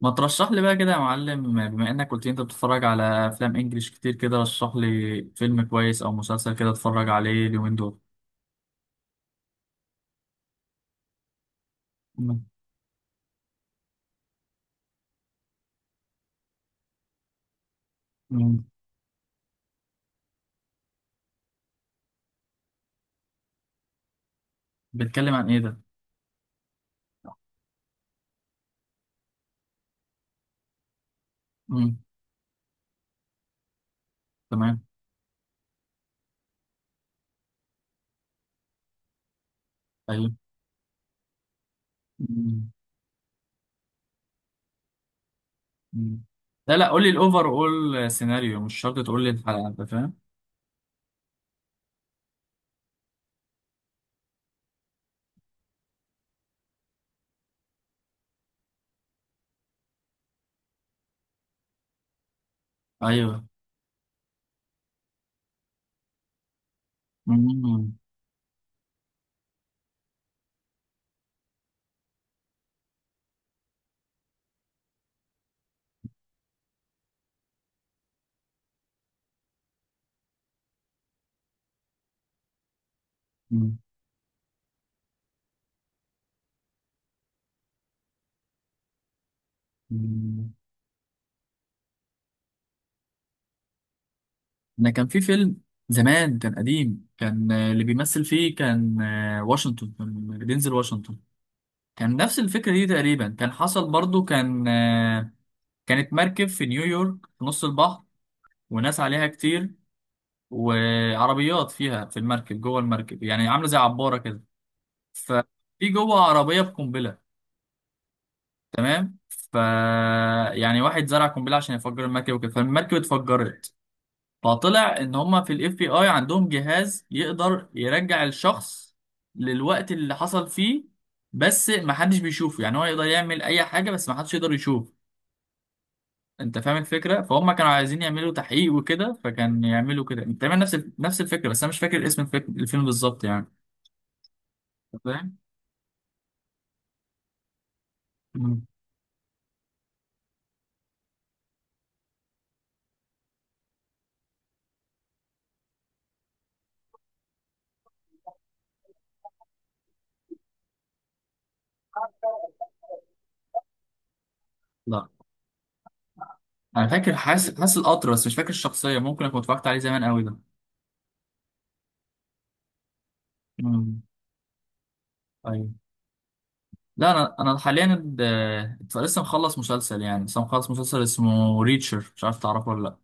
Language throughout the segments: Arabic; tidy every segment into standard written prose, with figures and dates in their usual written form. ما ترشح لي بقى كده يا معلم، بما انك قلت لي انت بتتفرج على افلام انجليش كتير كده، رشح لي فيلم كويس او مسلسل كده اتفرج عليه اليومين دول. مم. مم. بيتكلم عن ايه ده؟ مم. تمام. ايوه. مم. مم. لا، لا، قول لي الاوفر، اول سيناريو مش شرط تقول لي الحلقه، انت فاهم؟ ايوه. مم. مم. مم. انا كان في فيلم زمان، كان قديم، كان اللي بيمثل فيه كان واشنطن، كان دينزل واشنطن. كان نفس الفكرة دي تقريبا، كان حصل برضو، كان كانت مركب في نيويورك في نص البحر، وناس عليها كتير، وعربيات فيها في المركب، جوه المركب يعني عاملة زي عبارة كده. ففي جوه عربية بقنبلة. تمام. يعني واحد زرع قنبلة عشان يفجر المركب وكده، فالمركب اتفجرت. فطلع ان هما في FBI عندهم جهاز يقدر يرجع الشخص للوقت اللي حصل فيه، بس محدش بيشوفه، يعني هو يقدر يعمل اي حاجة بس محدش يقدر يشوف. انت فاهم الفكره، فهم كانوا عايزين يعملوا تحقيق وكده، فكان يعملوا كده تقريبا نفس نفس الفكره، بس انا مش فاكر اسم الفيلم بالظبط يعني. أنت فاهم. مم. لا انا فاكر، حاسس القطر، بس مش فاكر الشخصيه، ممكن اكون اتفرجت عليه زمان قوي ده. مم. ايوه. لا، انا حاليا لسه مخلص مسلسل اسمه ريتشر، مش عارف تعرفه ولا لا؟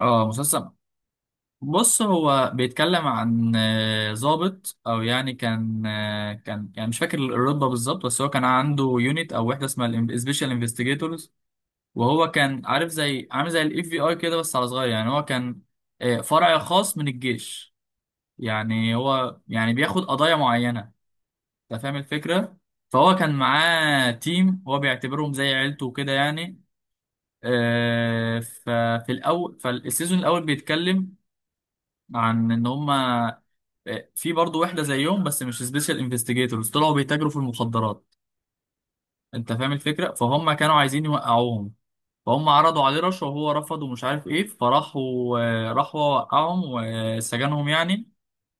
اه، مسلسل. بص، هو بيتكلم عن ضابط، او يعني كان كان يعني مش فاكر الرتبه بالظبط، بس هو كان عنده يونت او وحده اسمها سبيشال انفستيجيتورز. وهو كان عارف، زي عامل زي FBI كده بس على صغير، يعني هو كان فرع خاص من الجيش. يعني هو يعني بياخد قضايا معينه. انت فاهم الفكره، فهو كان معاه تيم هو بيعتبرهم زي عيلته وكده يعني. ففي الاول، فالسيزون الاول بيتكلم عن ان هم في برضه وحده زيهم بس مش سبيشال انفستيجيتورز، طلعوا بيتاجروا في المخدرات. انت فاهم الفكره، فهم كانوا عايزين يوقعوهم. فهم عرضوا عليه رشوه وهو رفض ومش عارف ايه، فراحوا راحوا وقعهم وسجنهم يعني.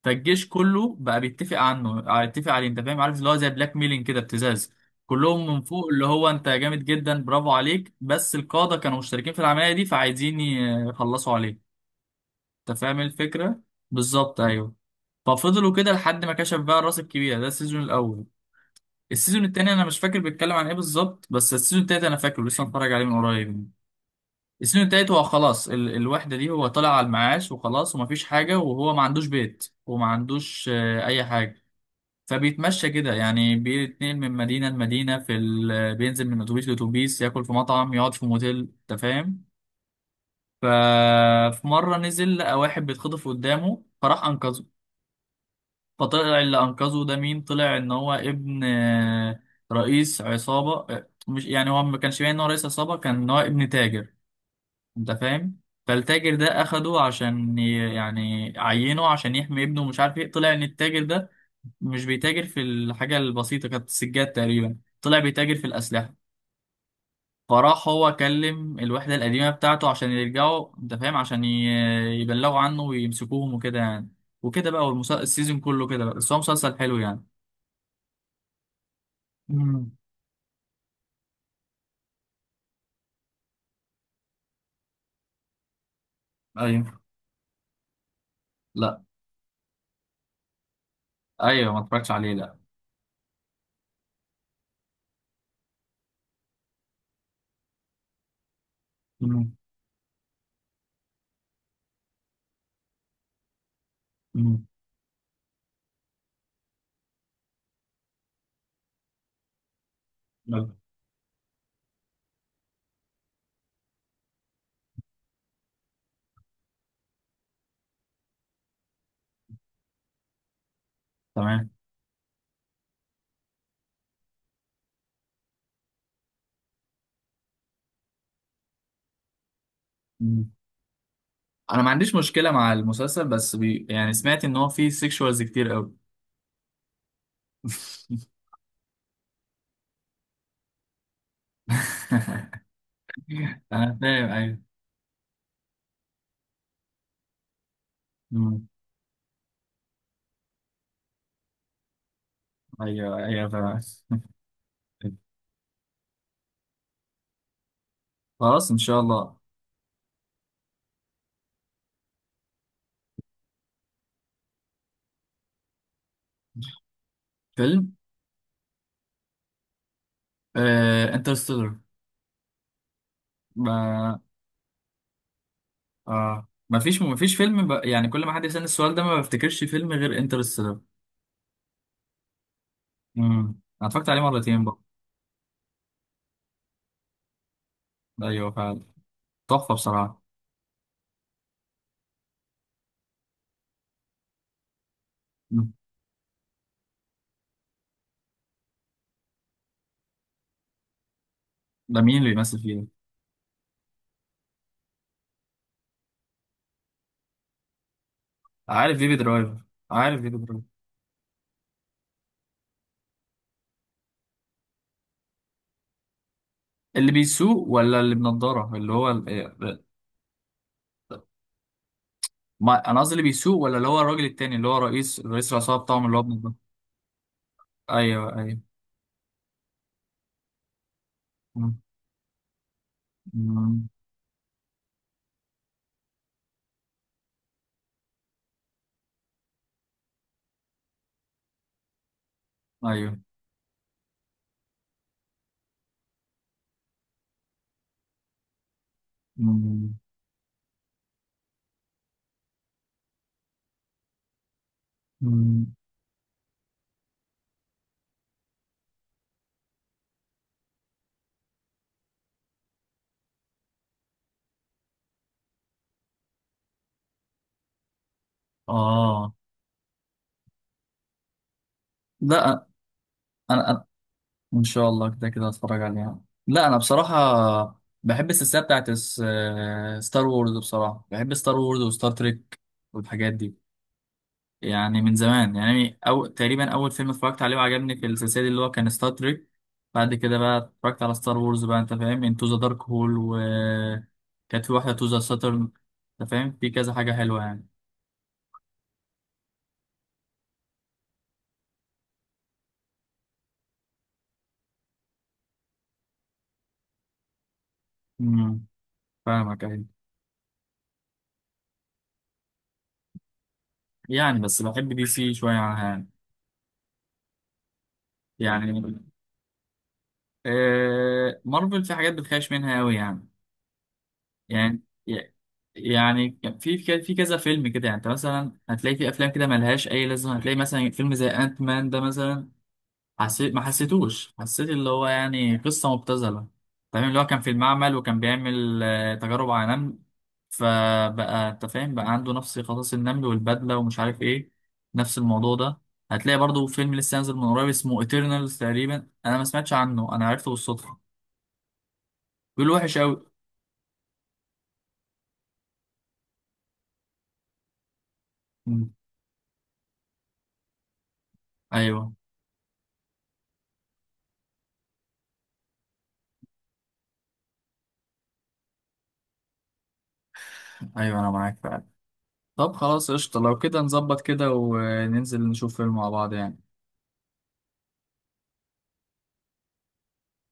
فالجيش كله بقى بيتفق عنه آه، يتفق عليه، انت فاهم، عارف اللي هو زي بلاك ميلينج كده، ابتزاز. كلهم من فوق اللي هو انت جامد جدا برافو عليك، بس القاده كانوا مشتركين في العمليه دي، فعايزين يخلصوا عليه. انت فاهم الفكرة؟ بالظبط، ايوه. ففضلوا كده لحد ما كشف بقى الراس الكبيرة ده، السيزون الأول. السيزون التاني أنا مش فاكر بيتكلم عن إيه بالظبط، بس السيزون التالت أنا فاكره لسه متفرج عليه من قريب. السيزون التالت، هو خلاص الوحدة دي هو طالع على المعاش وخلاص، ومفيش حاجة، وهو ما عندوش بيت وما عندوش أي حاجة. فبيتمشى كده، يعني بيتنقل من مدينة لمدينة، في ال بينزل من أتوبيس لأتوبيس، ياكل في مطعم، يقعد في موتيل، أنت فاهم؟ ففي مرة نزل لقى واحد بيتخطف قدامه، فراح أنقذه. فطلع اللي انقذه ده مين، طلع ان هو ابن رئيس عصابة، مش يعني، هو ما كانش باين ان هو رئيس عصابة، كان ان هو ابن تاجر. انت فاهم. فالتاجر ده اخده عشان يعني عينه عشان يحمي ابنه، ومش عارف ايه، طلع ان التاجر ده مش بيتاجر في الحاجة البسيطة، كانت السجاد تقريبا، طلع بيتاجر في الأسلحة. فراح هو كلم الوحدة القديمة بتاعته عشان يرجعوا، انت فاهم، عشان يبلغوا عنه ويمسكوهم وكده يعني. وكده بقى، السيزون كله كده بقى، بس هو مسلسل حلو يعني. مم. ايوه. لا. ايوه، ما اتفرجتش عليه، لا. مم. مم. لا. تمام. مم. انا ما عنديش مشكله مع المسلسل، بس يعني سمعت ان هو فيه سيكشوالز كتير قوي. انا فاهم، ايوه. مم. ايوه، ايوه، فاهم. خلاص، ان شاء الله. فيلم انترستيلر. ما ما فيش فيلم، يعني كل ما حد يسألني السؤال ده ما بفتكرش فيلم غير انترستيلر. انا اتفرجت عليه مرتين بقى. ايوه فعلا، تحفه بصراحه. ده مين اللي بيمثل فيه ده؟ عارف بيبي درايفر عارف بيبي درايفر. اللي بيسوق ولا اللي بنضاره، اللي هو إيه، ما انا قصدي اللي بيسوق، ولا اللي هو الراجل التاني اللي هو رئيس العصابه بتاعهم اللي هو بنضاره. ايوه، ايوه. مم. مم. ايوه. مم. مم. اه، لا، انا ان شاء الله كده كده هتفرج عليها. لا، انا بصراحه بحب السلسله بتاعت ستار وورز، بصراحه بحب ستار وورز وستار تريك والحاجات دي. يعني من زمان يعني، أو تقريبا أول فيلم اتفرجت عليه وعجبني في السلسلة دي اللي هو كان ستار تريك. بعد كده بقى اتفرجت على ستار وورز بقى، أنت فاهم، انتو ذا دارك هول، و كانت في واحدة تو ذا ساترن. أنت فاهم، في كذا حاجة حلوة يعني. امم فاهمك، أيوة. يعني بس بحب DC شوية عنها يعني. يعني مارفل في حاجات بتخاش منها أوي يعني. يعني يعني كان في كذا فيلم كده، يعني انت مثلا هتلاقي في افلام كده ملهاش اي لازمه، هتلاقي مثلا فيلم زي انت مان ده مثلا. حسيت، ما حسيتوش، حسيت اللي هو يعني قصة مبتذلة. تمام. اللي هو كان في المعمل وكان بيعمل تجارب على نمل، فبقى انت فاهم بقى، عنده نفس قصص النمل والبدلة ومش عارف ايه، نفس الموضوع ده. هتلاقي برضو فيلم لسه نازل من قريب، اسمه ايترنالز تقريبا، انا ما سمعتش عنه، انا عرفته بالصدفة، بيقول وحش قوي. مم. ايوه، ايوه، انا معاك فعلا. طب خلاص، قشطة، لو كده نظبط كده وننزل نشوف فيلم مع بعض يعني.